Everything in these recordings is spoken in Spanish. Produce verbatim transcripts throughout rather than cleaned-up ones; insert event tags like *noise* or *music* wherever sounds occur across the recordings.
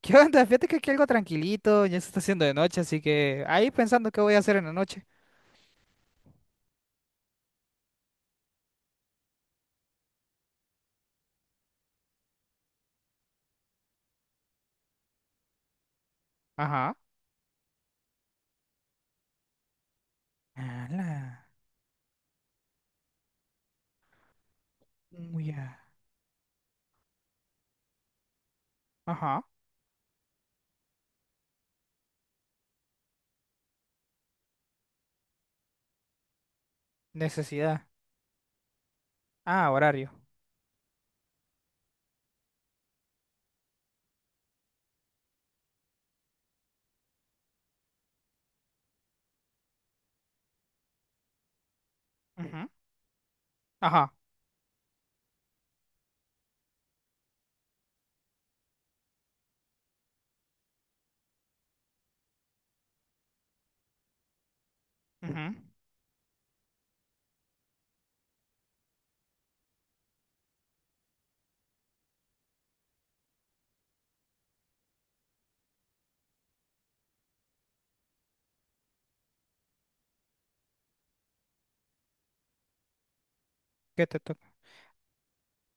¿Qué onda? Fíjate que aquí algo tranquilito, ya se está haciendo de noche, así que ahí pensando qué voy a hacer en la noche. Ajá. Ala. Uy, ah. Ajá. Necesidad. Ah, horario. Ujú. Ajá. Ujú. ¿Qué te toca?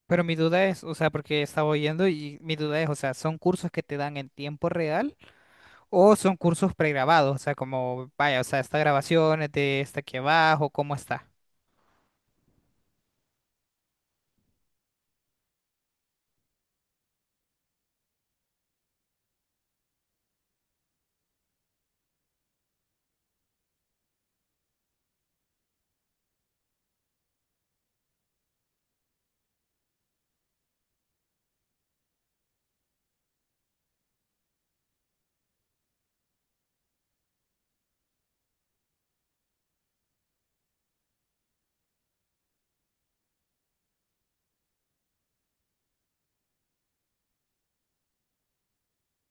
Pero mi duda es, o sea, porque estaba oyendo y mi duda es, o sea, ¿son cursos que te dan en tiempo real o son cursos pregrabados? O sea, como, vaya, o sea, esta grabación es de esta aquí abajo, ¿cómo está?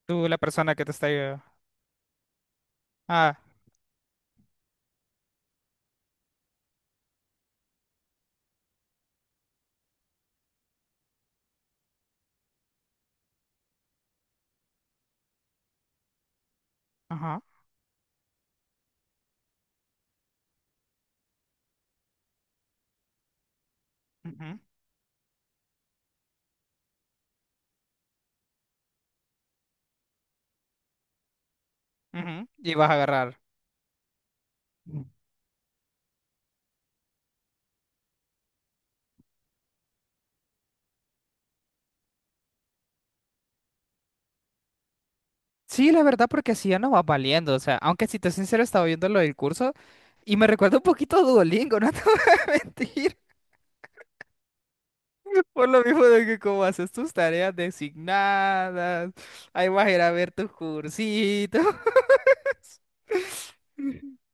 Tú, la persona que te está... Ah, ajá. Ujú, ujú. Y vas a agarrar. Sí, la verdad, porque así ya no va valiendo. O sea, aunque si te soy sincero, estaba viendo lo del curso y me recuerda un poquito a Duolingo, no *laughs* te voy a mentir. Por lo mismo de que como haces tus tareas designadas, ahí vas a ir a ver tus cursitos. *laughs*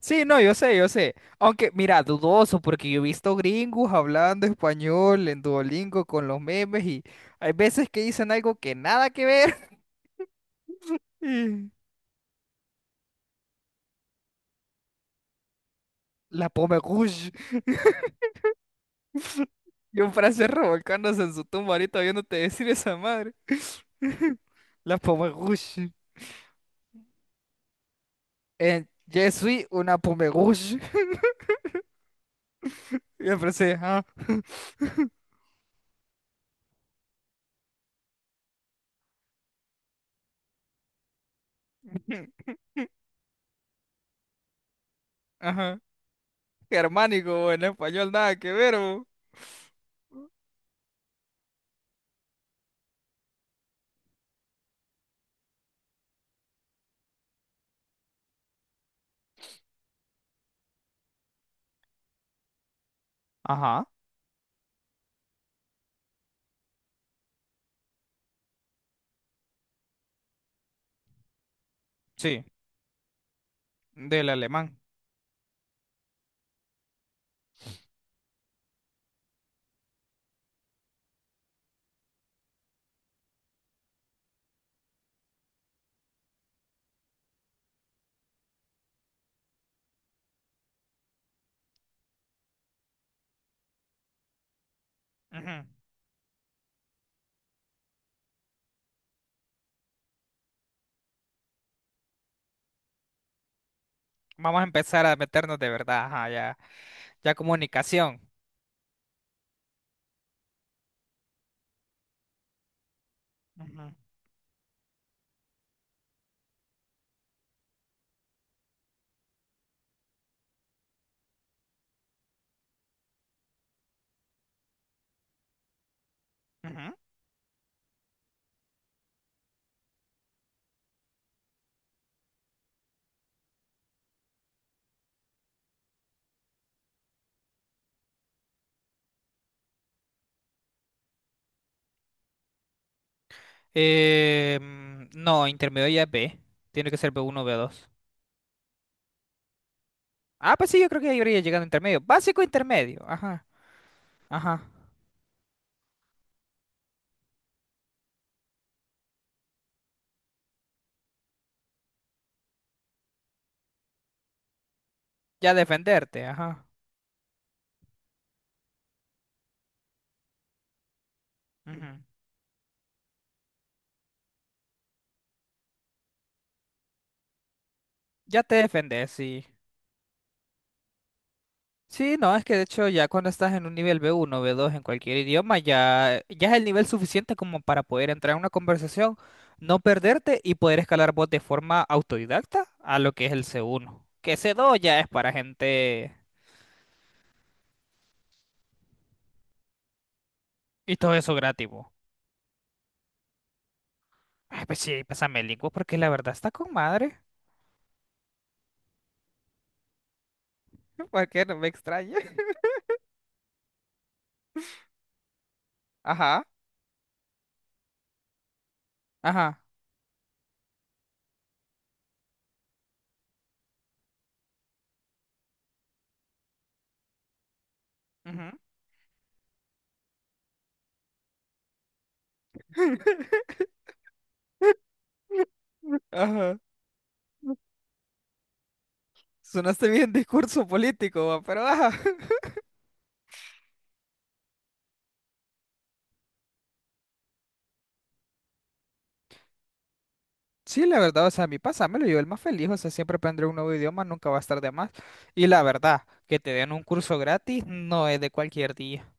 Sí, no, yo sé, yo sé. Aunque, mira, dudoso, porque yo he visto gringos hablando español en Duolingo con los memes y hay veces que dicen algo que nada que ver. *laughs* Y la pomme rouge. Y un francés revolcándose en su tumba ahorita viéndote decir esa madre. *laughs* La Pomerrush. Eh, je suis una Pomerrush. *laughs* Y me ajá, *laughs* ajá. Germánico, en español nada que ver. Bo. Ajá, sí, del alemán. Ujú. Vamos a empezar a meternos de verdad, ajá, ya, ya comunicación. Ujú, ujú. Eh, mm, no, intermedio ya es B. Tiene que ser B uno B dos. Ah, pues sí, yo creo que ahí habría llegado intermedio. Básico intermedio, ajá, ajá. Ya defenderte, ajá. Ujú. Ya te defendés, sí. Sí, no, es que de hecho ya cuando estás en un nivel B uno, B dos en cualquier idioma, ya, ya es el nivel suficiente como para poder entrar en una conversación, no perderte y poder escalar vos de forma autodidacta a lo que es el C uno. Que C dos ya es para gente y todo eso gratis. Bo. Ay, pues sí, pásame el link bo, porque la verdad está con madre. *laughs* Porque no me extraña. Ajá, ajá. Ujú. *laughs* Ajá. Sonaste bien discurso político, bo, pero ajá. Sí, la verdad, o sea, a mí pásamelo, yo el más feliz, o sea, siempre aprender un nuevo idioma, nunca va a estar de más. Y la verdad, que te den un curso gratis no es de cualquier día.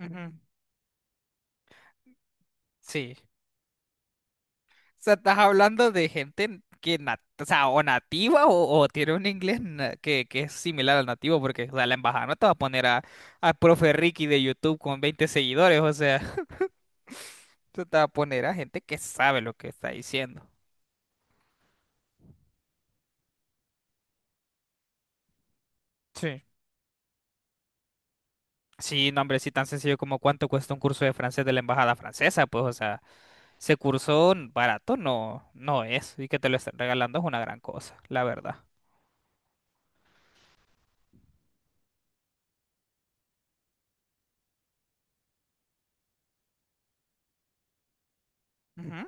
Ujú, sí. O sea, estás hablando de gente que, nat- o sea, o nativa o, o tiene un inglés na- que, que es similar al nativo, porque, o sea, la embajada no te va a poner a, a profe Ricky de YouTube con veinte seguidores, o sea, *laughs* tú te va a poner a gente que sabe lo que está diciendo. Sí. Sí, no, hombre, sí, tan sencillo como cuánto cuesta un curso de francés de la embajada francesa, pues, o sea. Ese curso barato no, no es, y que te lo estén regalando es una gran cosa, la verdad. Ujú,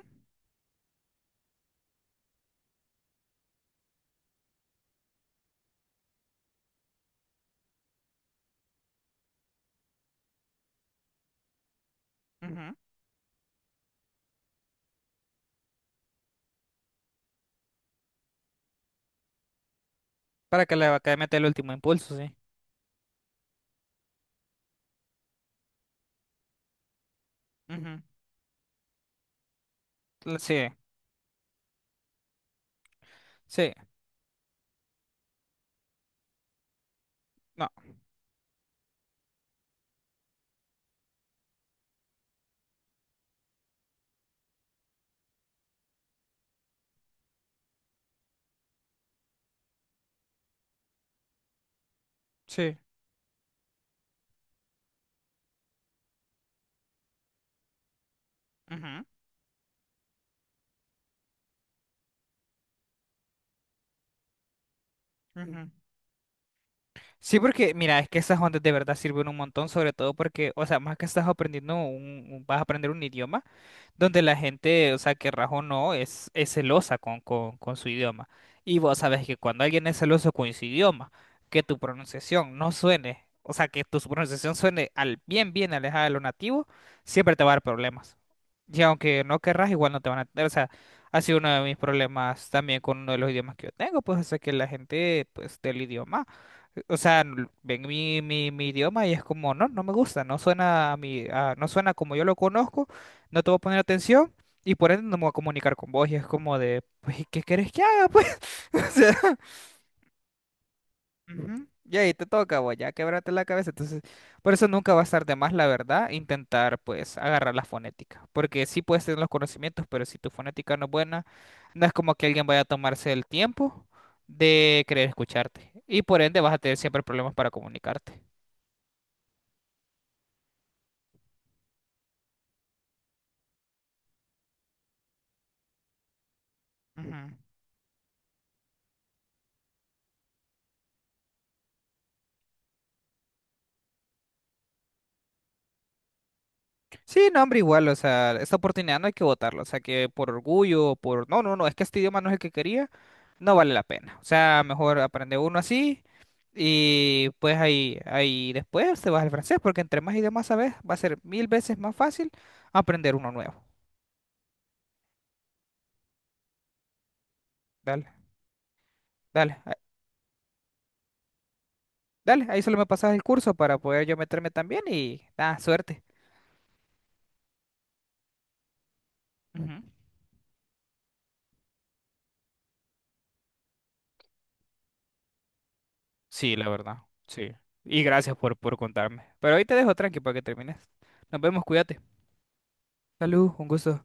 ujú. Para que le acabe de meter el último impulso, sí. Ujú. L- Sí, sí, no, sí. Ujú, ujú. Sí, porque mira, es que esas ondas de verdad sirven un montón, sobre todo porque, o sea, más que estás aprendiendo un, un- vas a aprender un idioma. Donde la gente, o sea, que rajo no, es, es celosa con, con, con su idioma. Y vos sabes que cuando alguien es celoso con su idioma, que tu pronunciación no suene, o sea, que tu pronunciación suene al bien, bien alejada de lo nativo, siempre te va a dar problemas. Y aunque no querrás, igual no te van a entender. O sea, ha sido uno de mis problemas también con uno de los idiomas que yo tengo, pues, o sea, que la gente, pues, del idioma. O sea, n- ven mi, mi, mi idioma y es como, no, no me gusta, no suena a mi, a- no suena como yo lo conozco. No te voy a poner atención y por ende no me voy a comunicar con vos. Y es como de, pues, ¿y ¿qué querés que haga, pues? *laughs* O sea, ujú, y ahí te toca, vos, ya quebrate la cabeza. Entonces, por eso nunca va a estar de más, la verdad, intentar, pues, agarrar la fonética. Porque sí puedes tener los conocimientos, pero si tu fonética no es buena, no es como que alguien vaya a tomarse el tiempo de querer escucharte. Y por ende vas a tener siempre problemas para comunicarte. Ujú. Sí, no, hombre, igual, o sea, esta oportunidad no hay que votarlo, o sea, que por orgullo, por... No, no, no, es que este idioma no es el que quería. No vale la pena. O sea, mejor aprende uno así y pues ahí, ahí después te vas al francés, porque entre más idiomas sabes, va a ser mil veces más fácil aprender uno nuevo. Dale, dale, ah, dale, ahí solo me pasas el curso para poder yo meterme también y nada, suerte. Ujú. Sí, la verdad, sí. Y gracias por, por contarme. Pero ahí te dejo tranqui para que termines. Nos vemos, cuídate. Salud, un gusto.